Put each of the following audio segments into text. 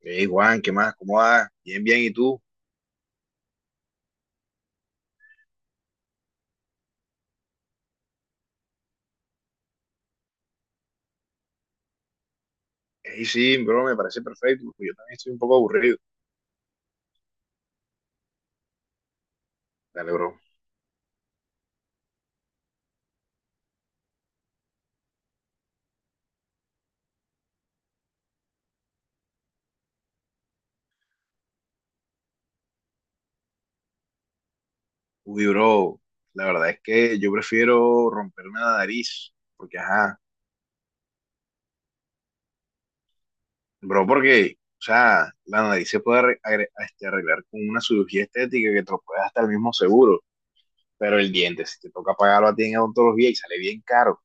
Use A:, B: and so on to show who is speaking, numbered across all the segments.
A: Hey Juan, ¿qué más? ¿Cómo vas? Bien, bien, ¿y tú? Hey, sí, bro, me parece perfecto, porque yo también estoy un poco aburrido. Dale, bro. Uy, bro, la verdad es que yo prefiero romperme la nariz, porque, ajá, bro, porque, o sea, la nariz se puede arreglar con una cirugía estética que te lo puede hasta el mismo seguro, pero el diente, si te toca pagarlo a ti en odontología y sale bien caro.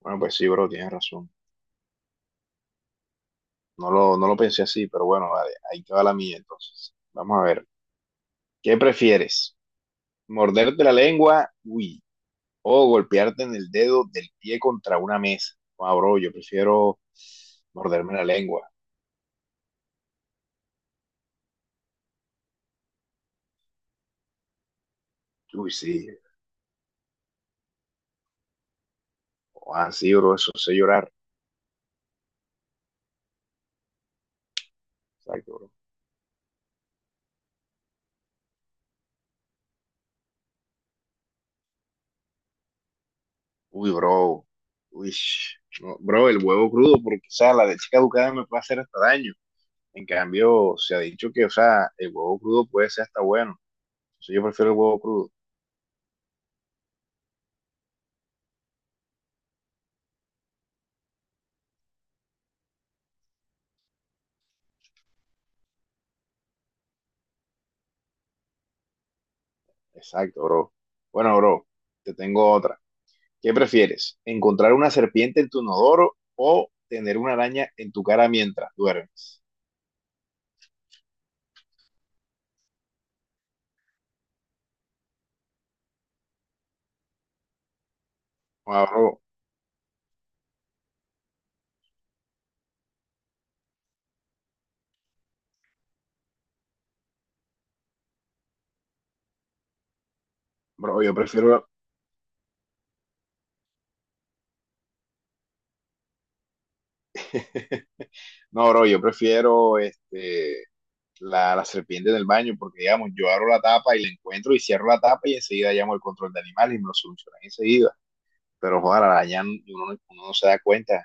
A: Bueno, pues sí, bro, tienes razón. No lo pensé así, pero bueno, vale, ahí te va la mía entonces. Vamos a ver, ¿qué prefieres? Morderte la lengua, uy. O golpearte en el dedo del pie contra una mesa. Ah, bro, yo prefiero morderme la lengua. Uy, sí. Ah, sí, bro, eso sé llorar. Exacto, bro. Uy, bro. Uy, no, bro, el huevo crudo, porque, o sea, la leche caducada me puede hacer hasta daño. En cambio, se ha dicho que, o sea, el huevo crudo puede ser hasta bueno. Entonces yo prefiero el huevo crudo. Exacto, bro. Bueno, bro, te tengo otra. ¿Qué prefieres? ¿Encontrar una serpiente en tu inodoro o tener una araña en tu cara mientras duermes? No, bro, bro, no, bro, yo prefiero la serpiente en el baño porque, digamos, yo abro la tapa y la encuentro y cierro la tapa y enseguida llamo al control de animales y me lo solucionan enseguida. Pero, joder, la araña uno, uno no se da cuenta.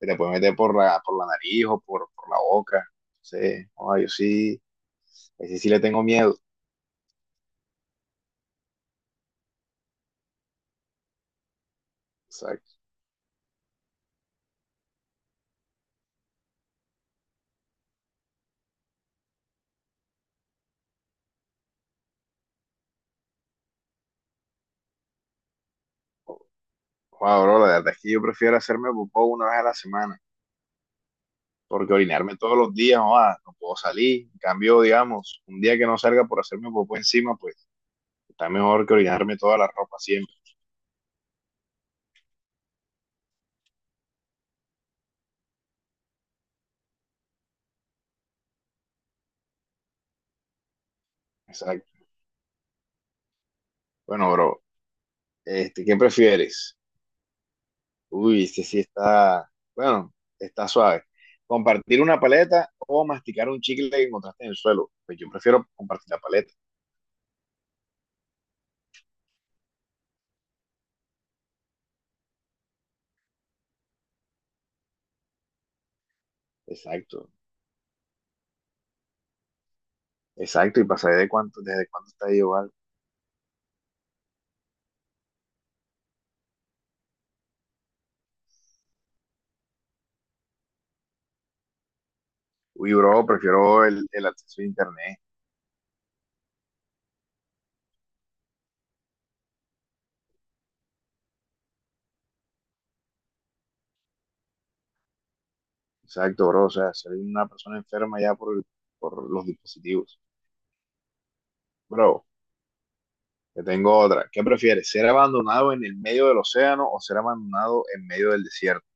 A: Se te puede meter por la nariz o por la boca. Sí, joda, yo sí, ese sí le tengo miedo. Joder, bro, la verdad es que yo prefiero hacerme popó una vez a la semana, porque orinarme todos los días, joder, no puedo salir. En cambio, digamos, un día que no salga por hacerme popó encima, pues está mejor que orinarme toda la ropa siempre. Exacto. Bueno, bro, ¿qué prefieres? Uy, este sí está, bueno, está suave. ¿Compartir una paleta o masticar un chicle que encontraste en el suelo? Pues yo prefiero compartir la paleta. Exacto, exacto. Y pasaré desde cuánto está ahí igual. Uy, bro, prefiero el acceso a internet. Exacto, bro. O sea, ser una persona enferma ya por los dispositivos. Bro, te tengo otra. ¿Qué prefieres? ¿Ser abandonado en el medio del océano o ser abandonado en medio del desierto?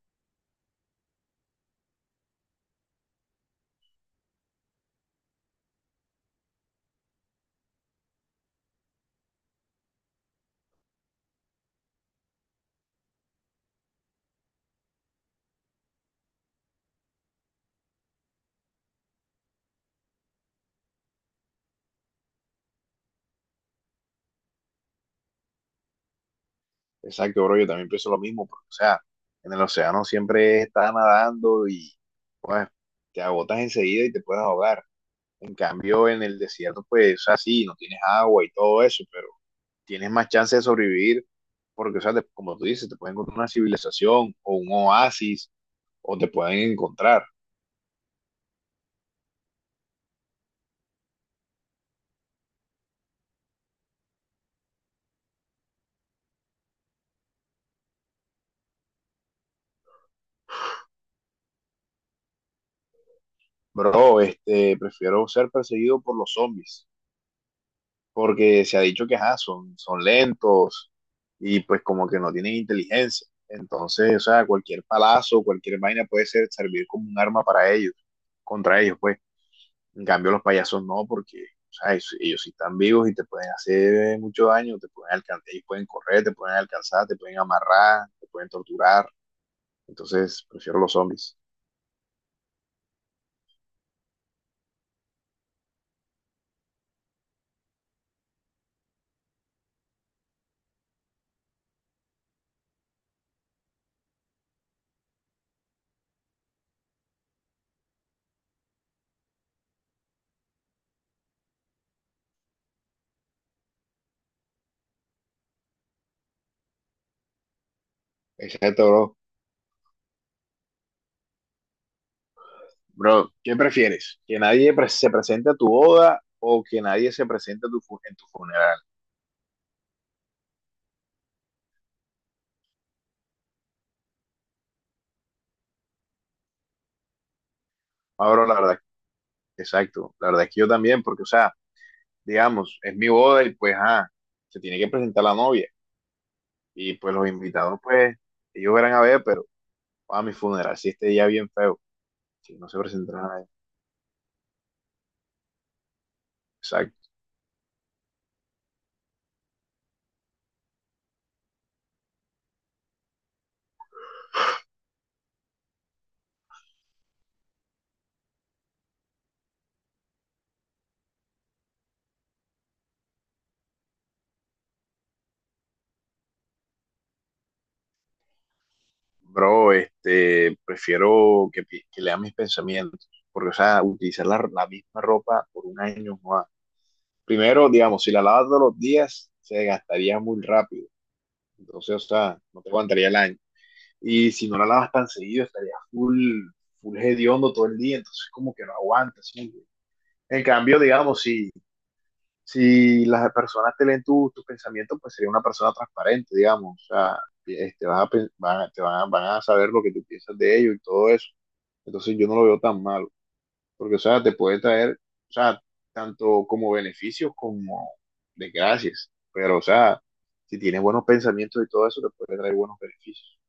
A: Exacto, bro. Yo también pienso lo mismo, porque, o sea, en el océano siempre estás nadando y, pues, te agotas enseguida y te puedes ahogar. En cambio, en el desierto, pues, o sea, sí, no tienes agua y todo eso, pero tienes más chance de sobrevivir porque, o sea, como tú dices, te pueden encontrar una civilización o un oasis o te pueden encontrar. Bro, prefiero ser perseguido por los zombies, porque se ha dicho que ajá, son lentos y pues como que no tienen inteligencia. Entonces, o sea, cualquier palazo, cualquier vaina puede servir como un arma para ellos, contra ellos, pues. En cambio, los payasos no, porque o sea, ellos sí están vivos y te pueden hacer mucho daño, te pueden alcanzar, ellos pueden correr, te pueden alcanzar, te pueden amarrar, te pueden torturar. Entonces, prefiero los zombies. Exacto, bro. Bro, ¿qué prefieres? ¿Que nadie se presente a tu boda o que nadie se presente en tu funeral? Ah, bro, la verdad, exacto. La verdad es que yo también, porque, o sea, digamos, es mi boda y pues, ah, se tiene que presentar la novia. Y pues los invitados, pues, ellos verán a ver, pero a mi funeral, si este día bien feo, si no se presenta nadie. Exacto. Bro, prefiero que lea mis pensamientos, porque, o sea, utilizar la misma ropa por un año, joda, primero, digamos, si la lavas todos los días, se gastaría muy rápido. Entonces, o sea, no te aguantaría el año. Y si no la lavas tan seguido, estaría full, full hediondo todo el día. Entonces, como que no aguantas, ¿sí? En cambio, digamos, si las personas te leen tus pensamientos, pues sería una persona transparente, digamos. O sea, vas a, pen- van, a- te van, a, van a saber lo que tú piensas de ellos y todo eso. Entonces, yo no lo veo tan malo porque, o sea, te puede traer, o sea, tanto como beneficios como desgracias, pero, o sea, si tienes buenos pensamientos y todo eso, te puede traer buenos beneficios.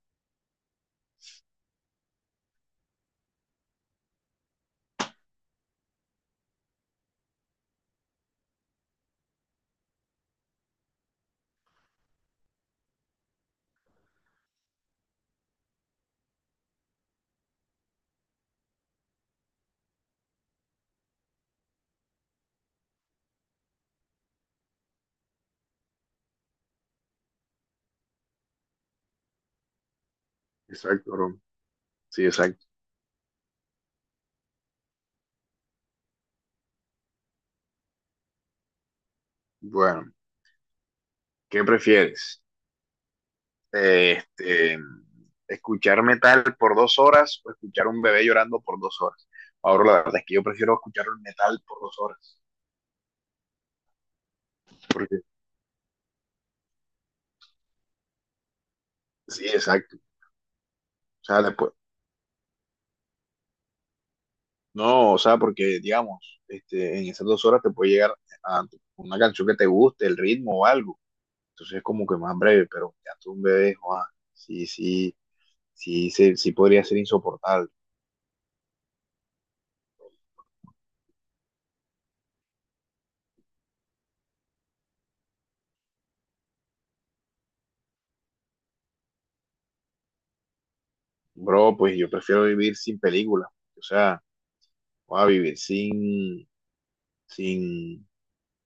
A: Exacto, Roma. Sí, exacto. Bueno, ¿qué prefieres? Eh, Este, escuchar metal por 2 horas o escuchar un bebé llorando por 2 horas. Ahora, la verdad es que yo prefiero escuchar un metal por 2 horas, porque sí, exacto. O sea, después. No, o sea, porque digamos, en esas 2 horas te puede llegar a una canción que te guste, el ritmo o algo. Entonces es como que más breve, pero ya tú un bebé, joa, sí, sí, sí, sí, sí podría ser insoportable. Bro, pues yo prefiero vivir sin película. O sea, joa, vivir sin,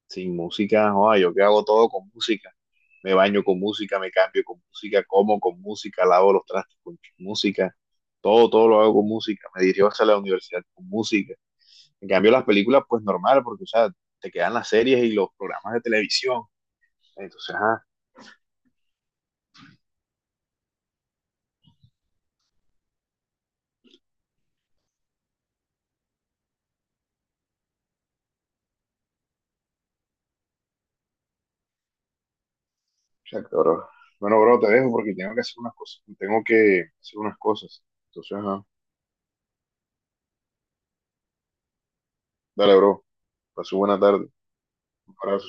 A: sin música, joa, yo que hago todo con música. Me baño con música, me cambio con música, como con música, lavo los trastes con música, todo, todo lo hago con música. Me dirijo hacia la universidad con música. En cambio, las películas, pues normal, porque, o sea, te quedan las series y los programas de televisión. Entonces, exacto, bro. Bueno, bro, te dejo porque tengo que hacer unas cosas. Tengo que hacer unas cosas. Entonces, ajá. Dale, bro. Pasó buena tarde. Un abrazo.